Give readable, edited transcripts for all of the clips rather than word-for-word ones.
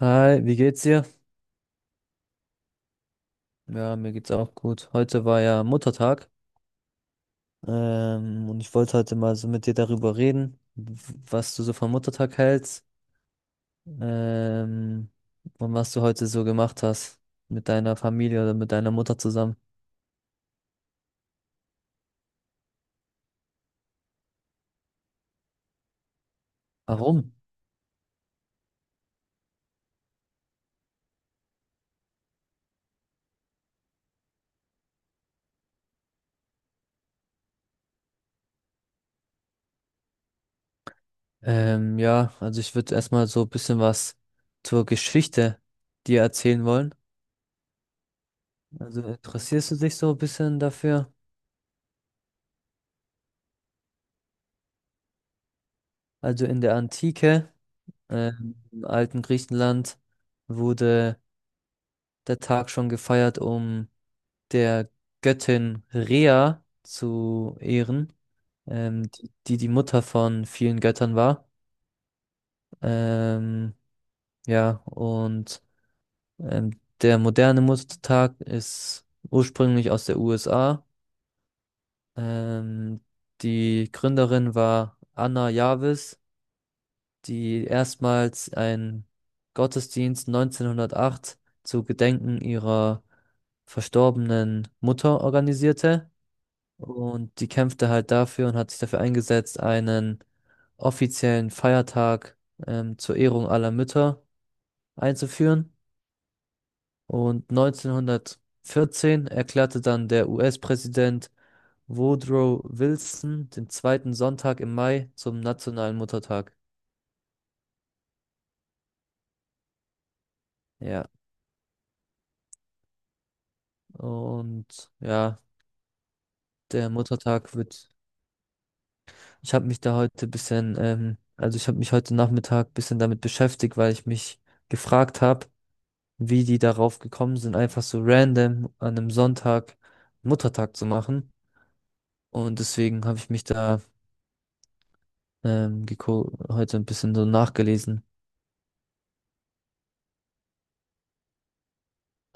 Hi, wie geht's dir? Ja, mir geht's auch gut. Heute war ja Muttertag, und ich wollte heute mal so mit dir darüber reden, was du so vom Muttertag hältst, ähm, und was du heute so gemacht hast mit deiner Familie oder mit deiner Mutter zusammen. Warum? Ja, also ich würde erstmal so ein bisschen was zur Geschichte dir erzählen wollen. Also interessierst du dich so ein bisschen dafür? Also in der Antike, im alten Griechenland wurde der Tag schon gefeiert, um der Göttin Rhea zu ehren, die die Mutter von vielen Göttern war. Ähm, ja, und ähm, der moderne Muttertag ist ursprünglich aus der USA. Ähm, die Gründerin war Anna Jarvis, die erstmals einen Gottesdienst 1908 zu Gedenken ihrer verstorbenen Mutter organisierte. Und die kämpfte halt dafür und hat sich dafür eingesetzt, einen offiziellen Feiertag zur Ehrung aller Mütter einzuführen. Und 1914 erklärte dann der US-Präsident Woodrow Wilson den zweiten Sonntag im Mai zum nationalen Muttertag. Ja, und ja, der Muttertag wird, ich habe mich da heute ein bisschen, also ich habe mich heute Nachmittag ein bisschen damit beschäftigt, weil ich mich gefragt habe, wie die darauf gekommen sind, einfach so random an einem Sonntag Muttertag zu machen. Und deswegen habe ich mich da heute ein bisschen so nachgelesen.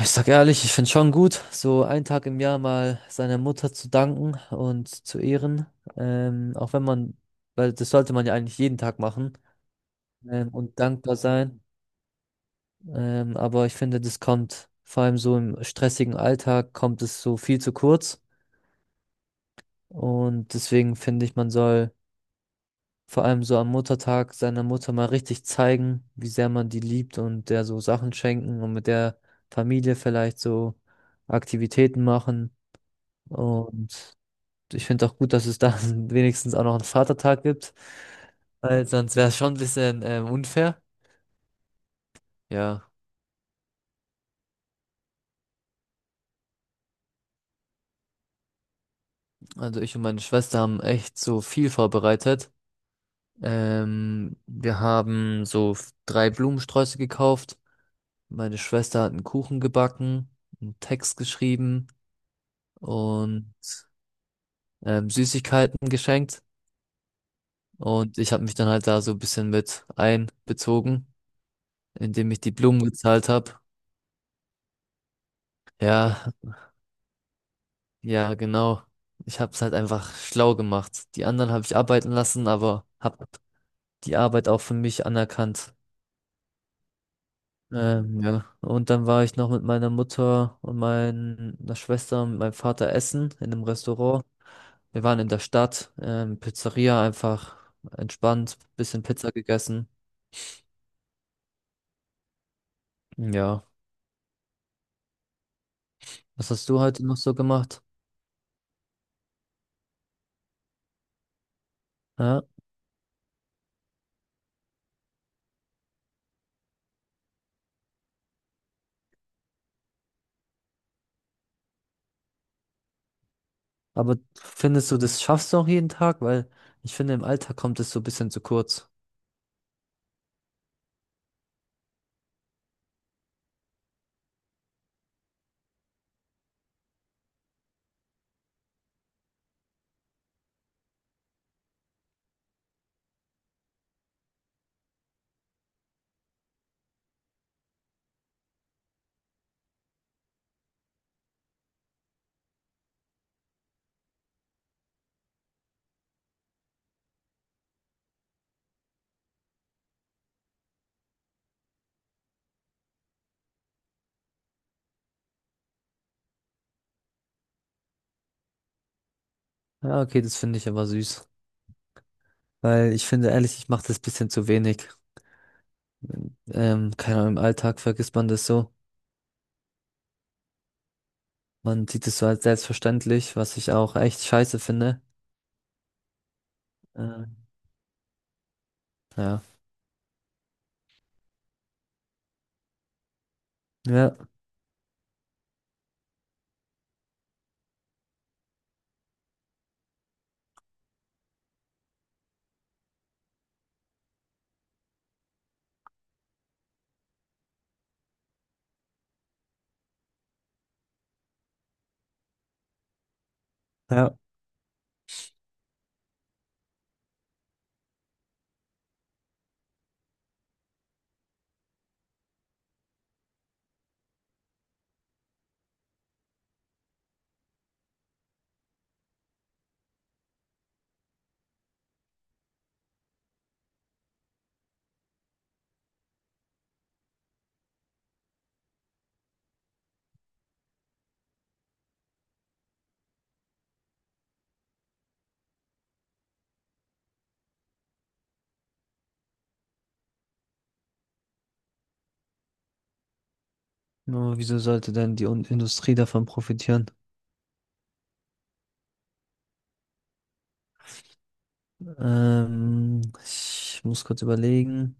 Ich sag ehrlich, ich finde schon gut, so einen Tag im Jahr mal seiner Mutter zu danken und zu ehren. Auch wenn man, weil das sollte man ja eigentlich jeden Tag machen und dankbar sein. Aber ich finde, das kommt vor allem so im stressigen Alltag, kommt es so viel zu kurz. Und deswegen finde ich, man soll vor allem so am Muttertag seiner Mutter mal richtig zeigen, wie sehr man die liebt und der so Sachen schenken und mit der Familie vielleicht so Aktivitäten machen. Und ich finde auch gut, dass es da wenigstens auch noch einen Vatertag gibt, weil sonst wäre es schon ein bisschen unfair. Ja, also ich und meine Schwester haben echt so viel vorbereitet. Wir haben so drei Blumensträuße gekauft. Meine Schwester hat einen Kuchen gebacken, einen Text geschrieben. Und Süßigkeiten geschenkt. Und ich habe mich dann halt da so ein bisschen mit einbezogen, indem ich die Blumen gezahlt habe. Ja, ja, genau. Ich habe es halt einfach schlau gemacht. Die anderen habe ich arbeiten lassen, aber habe die Arbeit auch für mich anerkannt. Ja. Und dann war ich noch mit meiner Mutter und meiner Schwester und meinem Vater essen in einem Restaurant. Wir waren in der Stadt, Pizzeria einfach entspannt, bisschen Pizza gegessen. Ja. Was hast du heute noch so gemacht? Ja, aber findest du, das schaffst du auch jeden Tag? Weil ich finde, im Alltag kommt es so ein bisschen zu kurz. Ja, okay, das finde ich aber süß. Weil ich finde, ehrlich, ich mache das ein bisschen zu wenig. Keine Ahnung, im Alltag vergisst man das so. Man sieht es so als selbstverständlich, was ich auch echt scheiße finde. Ähm, ja. Ja, ja. Nur wieso sollte denn die Industrie davon profitieren? Ich muss kurz überlegen.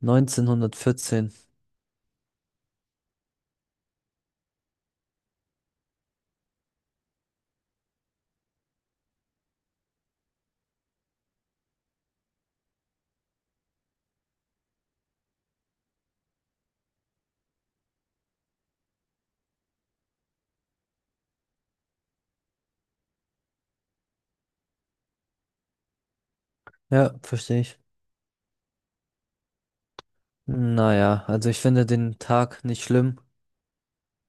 1914. Ja, verstehe ich. Naja, also ich finde den Tag nicht schlimm.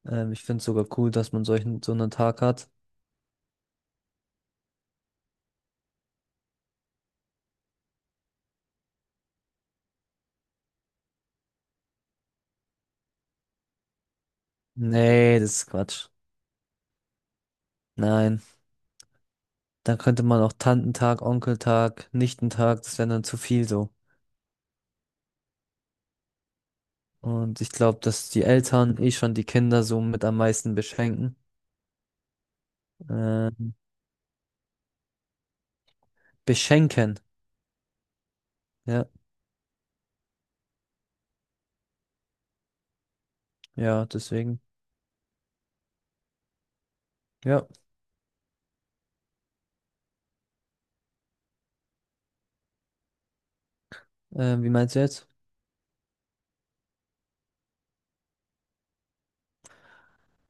Ich finde es sogar cool, dass man solchen, so einen Tag hat. Nee, das ist Quatsch. Nein. Dann könnte man auch Tantentag, Onkeltag, Nichtentag, das wäre dann zu viel so. Und ich glaube, dass die Eltern eh schon die Kinder so mit am meisten beschenken. Ähm, beschenken. Ja, ja, deswegen. Ja. Wie meinst du jetzt?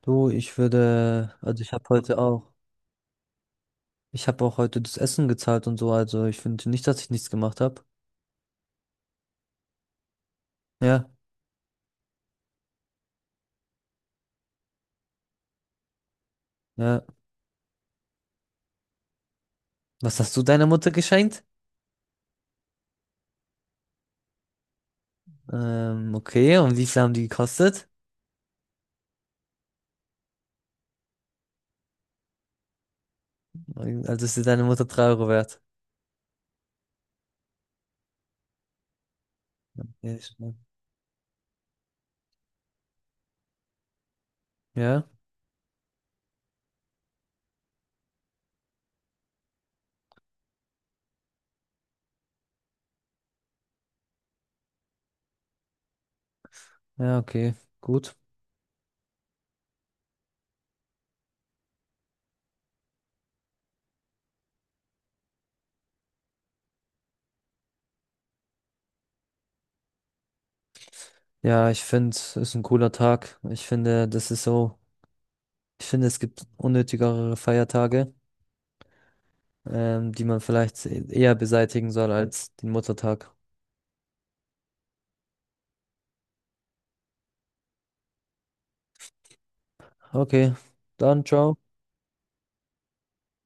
Du, ich würde, also ich habe heute auch, ich habe auch heute das Essen gezahlt und so, also ich finde nicht, dass ich nichts gemacht habe. Ja. Ja. Was hast du deiner Mutter geschenkt? Okay, und wie viel haben die gekostet? Also ist dir deine Mutter 3 Euro wert. Ja, ist ja, ja, okay, gut. Ja, ich finde, es ist ein cooler Tag. Ich finde, das ist so, ich finde, es gibt unnötigere Feiertage, die man vielleicht eher beseitigen soll als den Muttertag. Okay, dann ciao.